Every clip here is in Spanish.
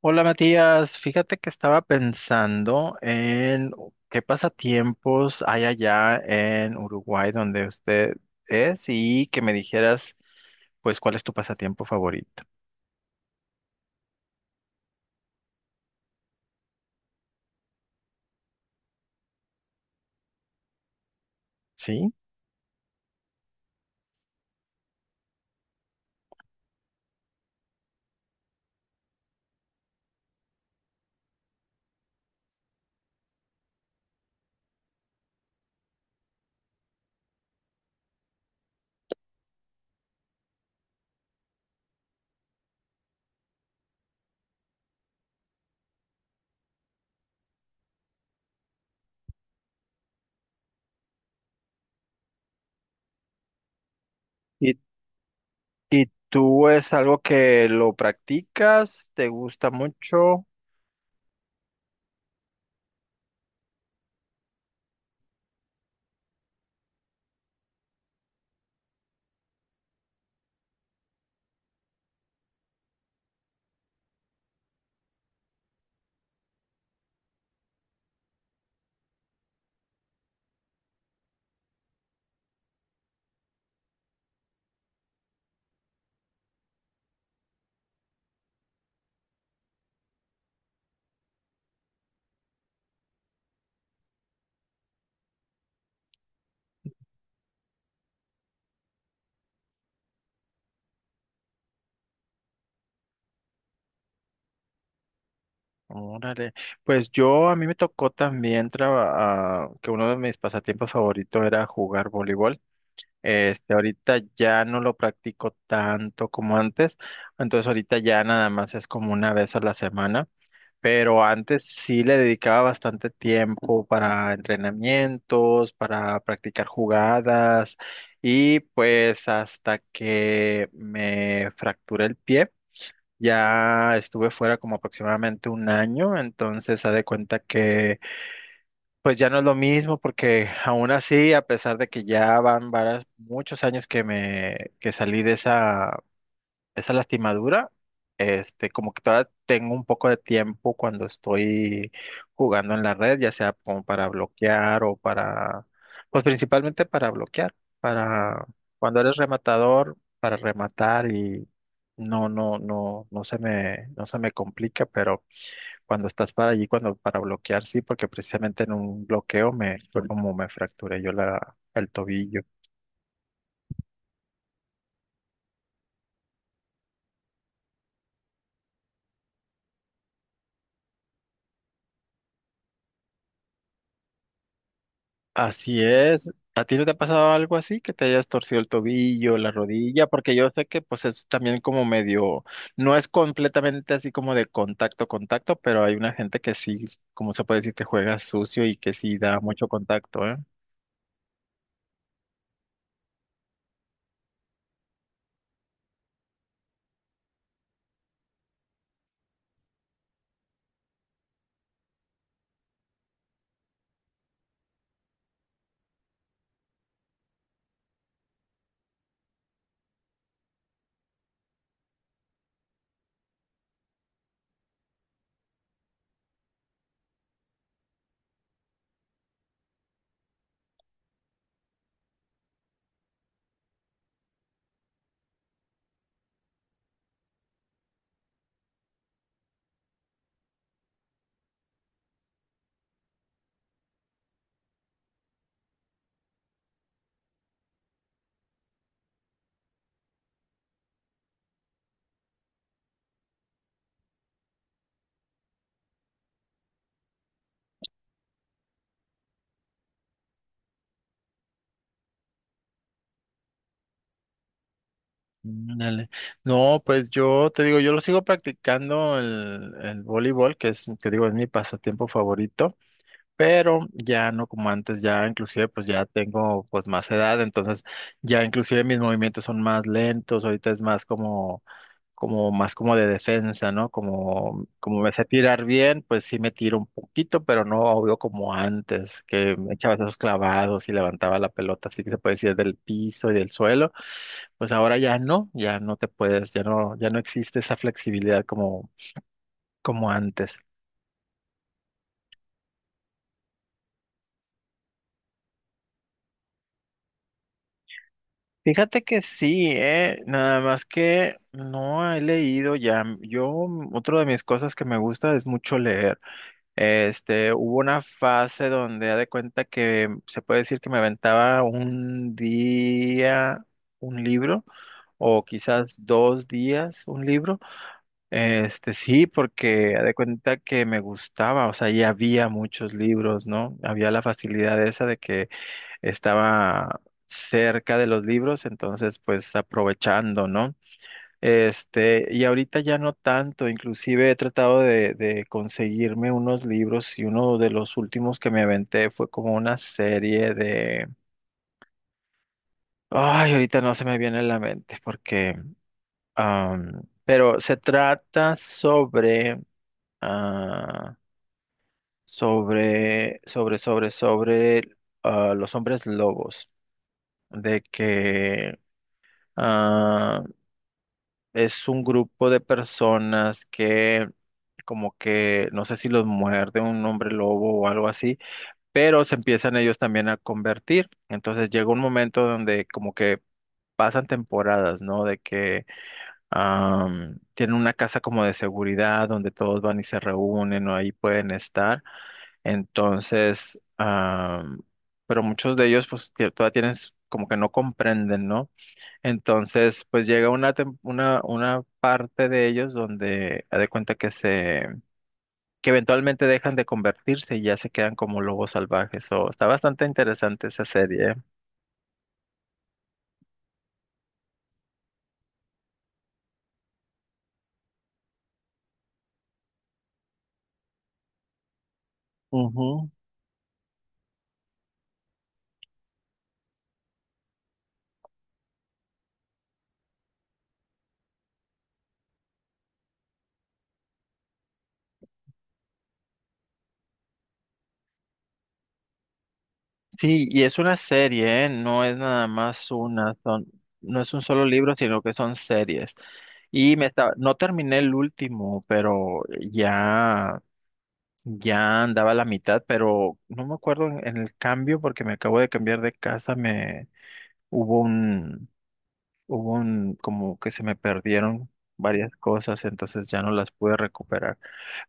Hola Matías, fíjate que estaba pensando en qué pasatiempos hay allá en Uruguay donde usted es y que me dijeras pues cuál es tu pasatiempo favorito, ¿sí? ¿Y, y tú es algo que lo practicas? ¿Te gusta mucho? Órale, pues yo a mí me tocó también que uno de mis pasatiempos favoritos era jugar voleibol. Este, ahorita ya no lo practico tanto como antes, entonces ahorita ya nada más es como una vez a la semana, pero antes sí le dedicaba bastante tiempo para entrenamientos, para practicar jugadas y pues hasta que me fracturé el pie, ya estuve fuera como aproximadamente un año, entonces haz de cuenta que pues ya no es lo mismo porque aún así, a pesar de que ya van varios, muchos años que me que salí de esa lastimadura, este, como que todavía tengo un poco de tiempo cuando estoy jugando en la red, ya sea como para bloquear o para, pues principalmente para bloquear, para cuando eres rematador, para rematar y no, no, no, no se me complica, pero cuando estás para allí, cuando para bloquear, sí, porque precisamente en un bloqueo me fue como me fracturé yo la, el tobillo. Así es. ¿A ti no te ha pasado algo así que te hayas torcido el tobillo, la rodilla? Porque yo sé que pues es también como medio, no es completamente así como de contacto, contacto, pero hay una gente que sí, como se puede decir, que juega sucio y que sí da mucho contacto, ¿eh? Mm, dale. No, pues yo te digo, yo lo sigo practicando el voleibol, que es, te digo, es mi pasatiempo favorito, pero ya no como antes, ya inclusive pues ya tengo pues más edad, entonces ya inclusive mis movimientos son más lentos, ahorita es más como, como más como de defensa, ¿no? Como me sé tirar bien, pues sí me tiro un poquito, pero no obvio como antes, que me echaba esos clavados y levantaba la pelota, así que se puede decir del piso y del suelo, pues ahora ya no, ya no te puedes, ya no, ya no existe esa flexibilidad como, como antes. Fíjate que sí, nada más que no he leído ya. Yo, otra de mis cosas que me gusta es mucho leer. Este, hubo una fase donde, haz de cuenta que se puede decir que me aventaba un día un libro, o quizás 2 días un libro. Este, sí, porque haz de cuenta que me gustaba, o sea, ya había muchos libros, ¿no? Había la facilidad esa de que estaba cerca de los libros, entonces pues aprovechando, ¿no? Este, y ahorita ya no tanto, inclusive he tratado de conseguirme unos libros y uno de los últimos que me aventé fue como una serie de... Ay, ahorita no se me viene a la mente porque... pero se trata sobre... ah, sobre, sobre, sobre, sobre los hombres lobos, de que ah, es un grupo de personas que como que no sé si los muerde un hombre lobo o algo así, pero se empiezan ellos también a convertir. Entonces llega un momento donde como que pasan temporadas, ¿no? De que tienen una casa como de seguridad donde todos van y se reúnen o ahí pueden estar. Entonces, pero muchos de ellos pues todavía tienen como que no comprenden, ¿no? Entonces, pues llega una parte de ellos donde haz de cuenta que que eventualmente dejan de convertirse y ya se quedan como lobos salvajes. O está bastante interesante esa serie. Ujú. Sí, y es una serie, ¿eh? No es nada más una, son, no es un solo libro, sino que son series. Y me estaba, no terminé el último, pero ya. Ya andaba a la mitad, pero no me acuerdo en el cambio porque me acabo de cambiar de casa, me hubo un, hubo un, como que se me perdieron varias cosas, entonces ya no las pude recuperar.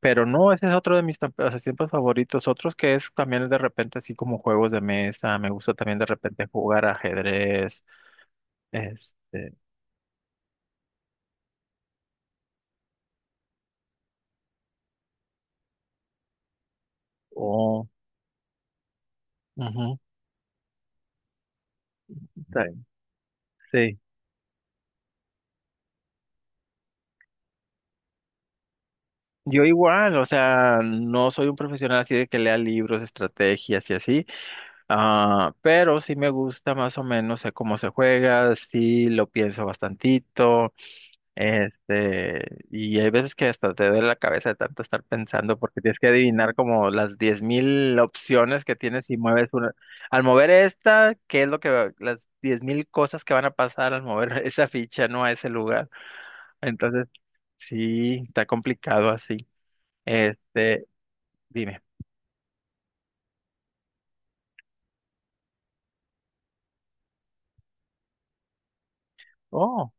Pero no, ese es otro de mis pasatiempos favoritos, otros que es también de repente así como juegos de mesa, me gusta también de repente jugar ajedrez, este, o... ujú, ta- sí. Yo igual, o sea, no soy un profesional así de que lea libros, estrategias y así, ah, pero sí me gusta más o menos, sé cómo se juega, sí lo pienso bastantito, este, y hay veces que hasta te duele la cabeza de tanto estar pensando porque tienes que adivinar como las 10,000 opciones que tienes y mueves una. Al mover esta, ¿qué es lo que va- las 10,000 cosas que van a pasar al mover esa ficha, no a ese lugar? Entonces, sí, está complicado así. Este, dime. Oh.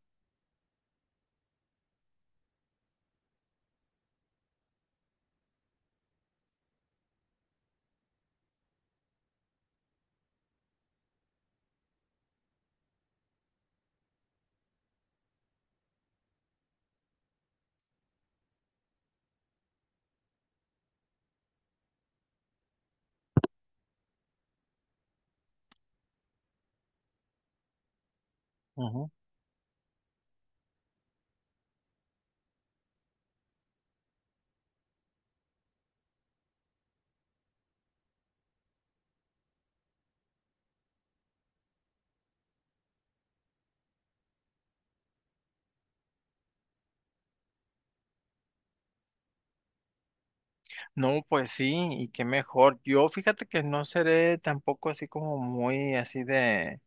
No, pues sí, y qué mejor. Yo fíjate que no seré tampoco así como muy así de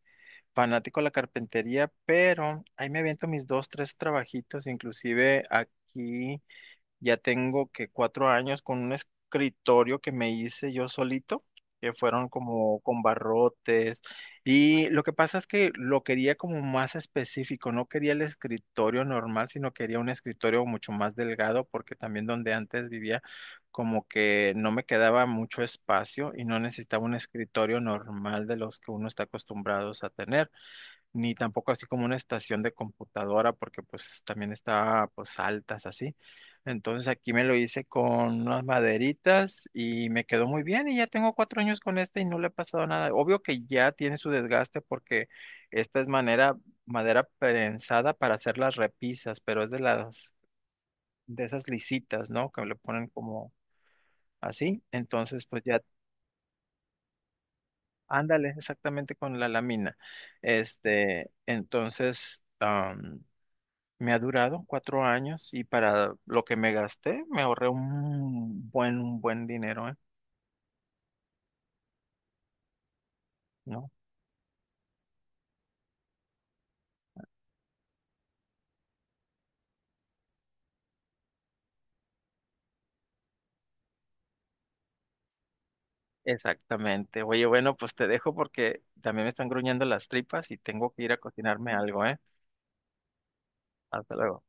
fanático de la carpintería, pero ahí me aviento mis dos, tres trabajitos, inclusive aquí. Ya tengo que 4 años con un escritorio que me hice yo solito, que fueron como con barrotes. Y lo que pasa es que lo quería como más específico, no quería el escritorio normal, sino quería un escritorio mucho más delgado, porque también donde antes vivía, como que no me quedaba mucho espacio y no necesitaba un escritorio normal de los que uno está acostumbrados a tener ni tampoco así como una estación de computadora, porque pues también está pues altas así. Entonces aquí me lo hice con unas maderitas y me quedó muy bien y ya tengo 4 años con esta y no le ha pasado nada. Obvio que ya tiene su desgaste porque esta es manera, madera prensada para hacer las repisas, pero es de las, de esas lisitas, ¿no? Que le ponen como así. Entonces pues ya, ándale exactamente con la lámina. Este, entonces... Me ha durado 4 años y para lo que me gasté me ahorré un buen dinero, ¿eh? ¿No? Exactamente. Oye, bueno, pues te dejo porque también me están gruñendo las tripas y tengo que ir a cocinarme algo, ¿eh? Hasta luego.